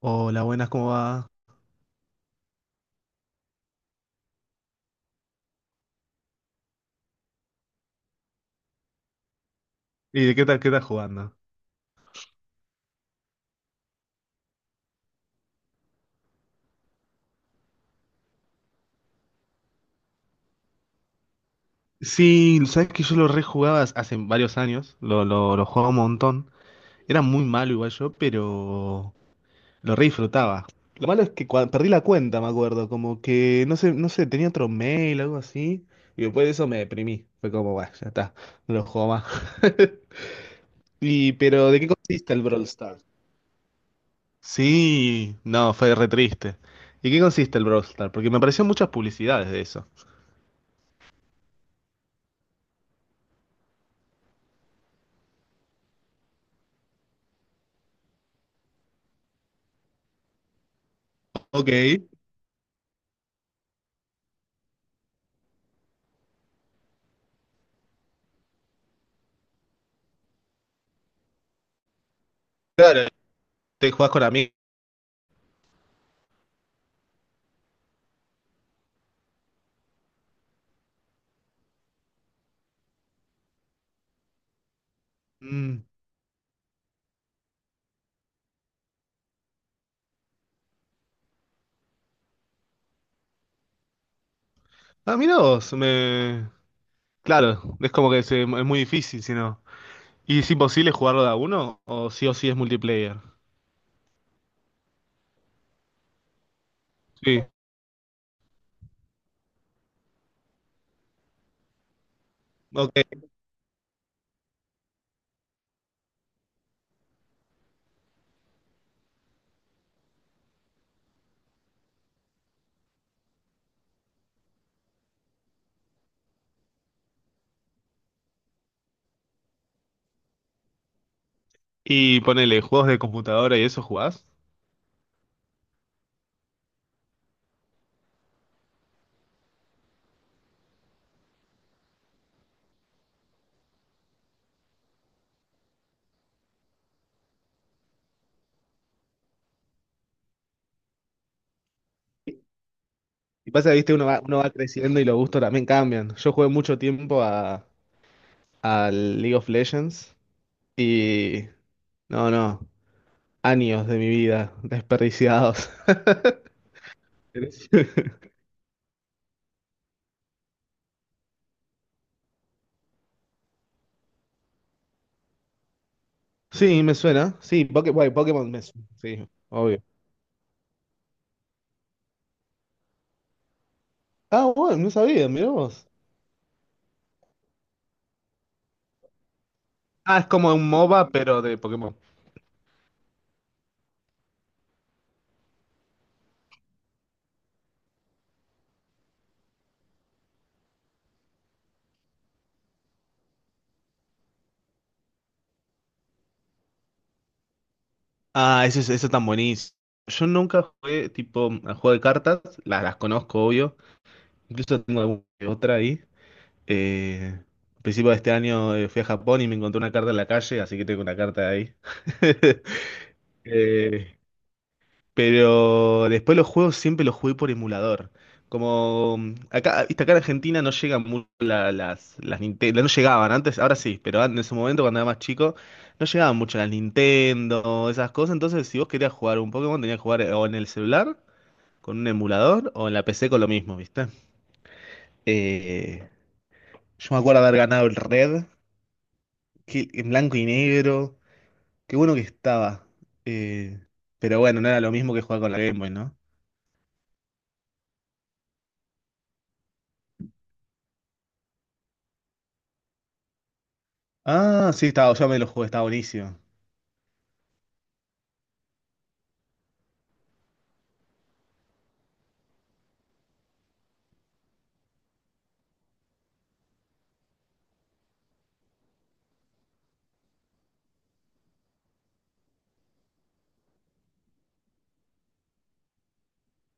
Hola, buenas, ¿cómo va? ¿Y de qué tal, qué estás jugando? Sí, sabes que yo lo rejugaba hace varios años, lo jugaba un montón. Era muy malo igual yo, pero lo re disfrutaba. Lo malo es que perdí la cuenta, me acuerdo, como que no sé, tenía otro mail, algo así, y después de eso me deprimí. Fue como, bueno, ya está, no lo juego más. ¿De qué consiste el Brawl Stars? Sí, no, fue re triste. ¿Y qué consiste el Brawl Stars? Porque me aparecieron muchas publicidades de eso. Ok, claro, te jugás con amigos. Mm, ah, mirá vos, claro, es como que es muy difícil, si no. ¿Y es imposible jugarlo de a uno? O sí es multiplayer? Sí. Ok. Y ponele, ¿juegos de computadora y eso jugás? Y pasa que, viste, uno va creciendo y los gustos también cambian. Yo jugué mucho tiempo al League of Legends y... No, no. Años de mi vida desperdiciados. Sí, me suena. Sí, bueno, Pokémon me suena. Sí, obvio. Ah, bueno, no sabía, mirá vos. Ah, es como un MOBA, pero de Pokémon. Ah, eso es tan buenísimo. Yo nunca jugué tipo a juego de cartas, las conozco, obvio. Incluso tengo alguna que otra ahí. Eh, Al principio de este año fui a Japón y me encontré una carta en la calle, así que tengo una carta ahí. Eh, Pero después los juegos siempre los jugué por emulador. Como acá, viste, acá en Argentina no llegan las Nintendo, no llegaban antes, ahora sí, pero en ese momento cuando era más chico, no llegaban mucho las Nintendo, esas cosas. Entonces, si vos querías jugar un Pokémon, tenías que jugar o en el celular, con un emulador, o en la PC con lo mismo, ¿viste? Eh, yo me acuerdo haber ganado el Red, en blanco y negro. Qué bueno que estaba. Eh, pero bueno, no era lo mismo que jugar con la Game Boy, ¿no? Ah, sí, estaba, yo me lo jugué, estaba buenísimo.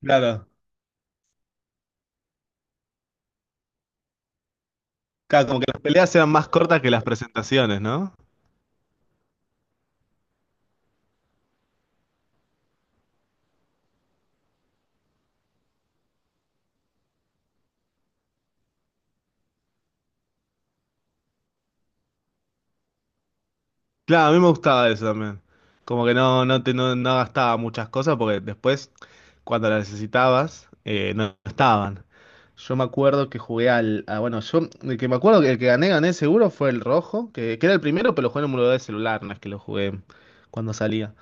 Claro. Claro, como que las peleas sean más cortas que las presentaciones, ¿no? Claro, a mí me gustaba eso también. Como que no, no te, no, no gastaba muchas cosas porque después, cuando las necesitabas, no estaban. Yo me acuerdo que jugué bueno, yo. el que me acuerdo que el que gané seguro fue el rojo, que era el primero, pero lo jugué en un emulador de celular, no es que lo jugué cuando salía.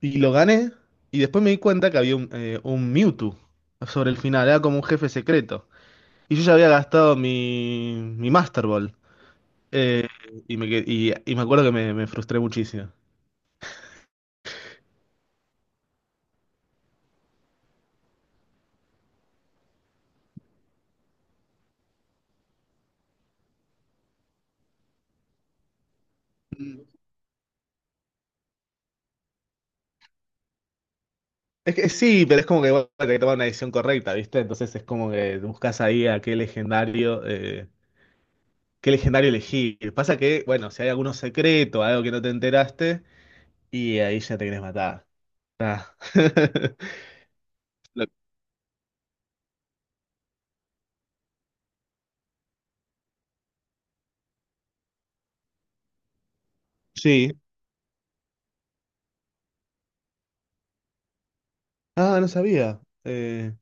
Y lo gané, y después me di cuenta que había un Mewtwo sobre el final, era como un jefe secreto. Y yo ya había gastado mi Master Ball. Eh, y me acuerdo que me frustré muchísimo. Es que sí, pero es como que bueno, hay que tomar una decisión correcta, ¿viste? Entonces es como que buscas ahí a qué legendario elegir. Pasa que, bueno, si hay alguno secreto, algo que no te enteraste, y ahí ya te querés matar. Ah. Lo- Sí. Ah, no sabía.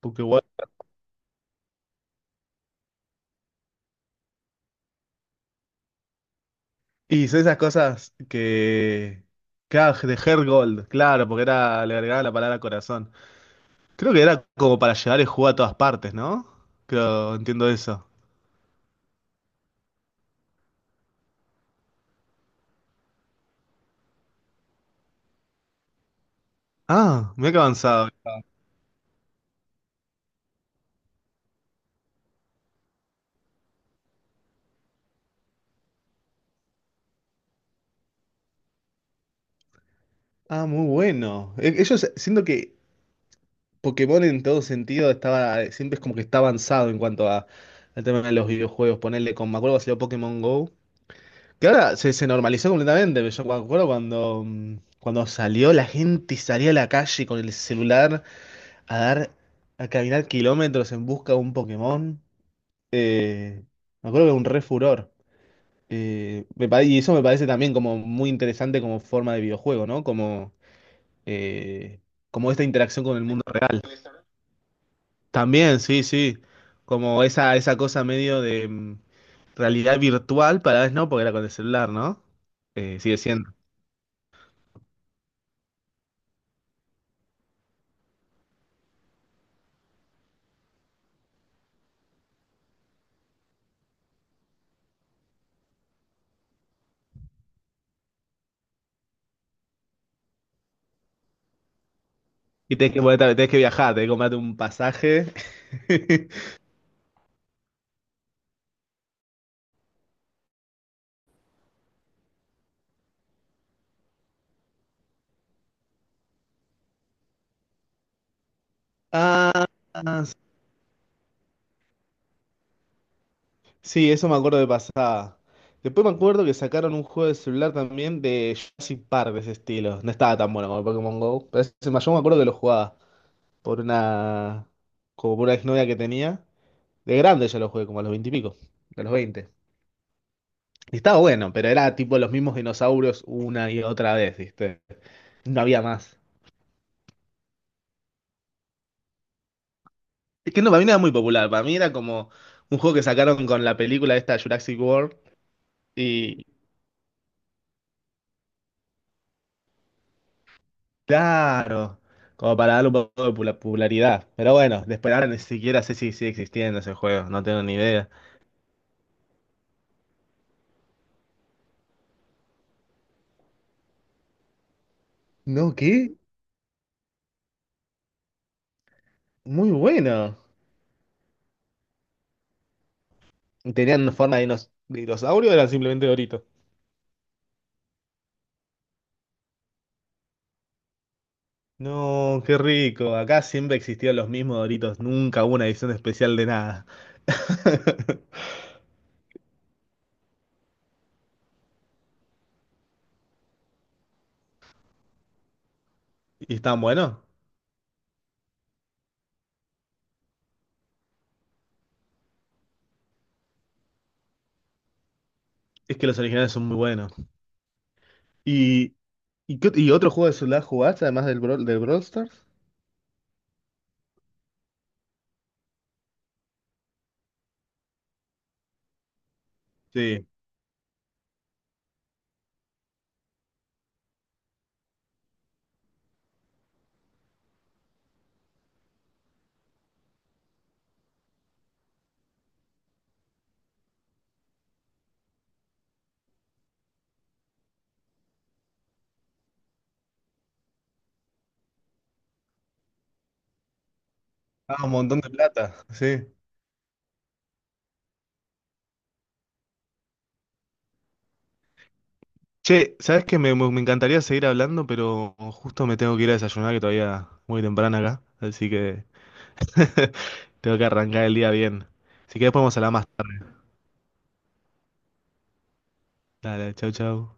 Porque bueno. Y son esas cosas que. Que ah, de Heart gold claro, porque era, le agregaba la palabra corazón. Creo que era como para llevar el juego a todas partes, ¿no? Creo, entiendo eso. Ah, mira que avanzado. Ah, muy bueno. Ellos, siento que Pokémon en todo sentido estaba, siempre es como que está avanzado en cuanto a, al tema de los videojuegos. Ponerle con, me acuerdo que salió Pokémon Go. Que ahora se normalizó completamente. Pero yo me acuerdo cuando, cuando salió, la gente salía a la calle con el celular a a caminar kilómetros en busca de un Pokémon. Eh, Me acuerdo que era un re furor. Y eso me parece también como muy interesante como forma de videojuego, ¿no? Eh, Como esta interacción con el mundo real. También, sí, sí. Como esa cosa medio de realidad virtual, para vez no, porque era con el celular, ¿no? Sigue siendo. Y tenés tenés que viajar, tenés que comprarte un pasaje. Ah, sí, eso me acuerdo de pasada. Después me acuerdo que sacaron un juego de celular también de Jurassic Park de ese estilo. No estaba tan bueno como el Pokémon Go, pero yo me acuerdo que lo jugaba. por una, Como por una exnovia que tenía. De grande yo lo jugué, como a los 20 y pico, a los veinte. Y estaba bueno, pero era tipo los mismos dinosaurios una y otra vez, ¿viste? No había más. Es que no, para mí no era muy popular, para mí era como un juego que sacaron con la película esta Jurassic World y claro, como para darle un poco de popularidad. Pero bueno, después ahora ni siquiera sé si sigue existiendo ese juego, no tengo ni idea. No, qué muy bueno. ¿Tenían forma de dinosaurio o eran simplemente doritos? No, qué rico. Acá siempre existieron los mismos Doritos. Nunca hubo una edición especial de nada. ¿Y están buenos? Es que los originales son muy buenos. ¿Y, y otro juego de celular jugaste además del Brawl Stars? Sí. Ah, un montón de plata. Sí. Che, ¿sabes qué? Me encantaría seguir hablando, pero justo me tengo que ir a desayunar, que todavía muy temprano acá. Así que tengo que arrancar el día bien. Si querés podemos hablar más tarde. Dale, chau, chau.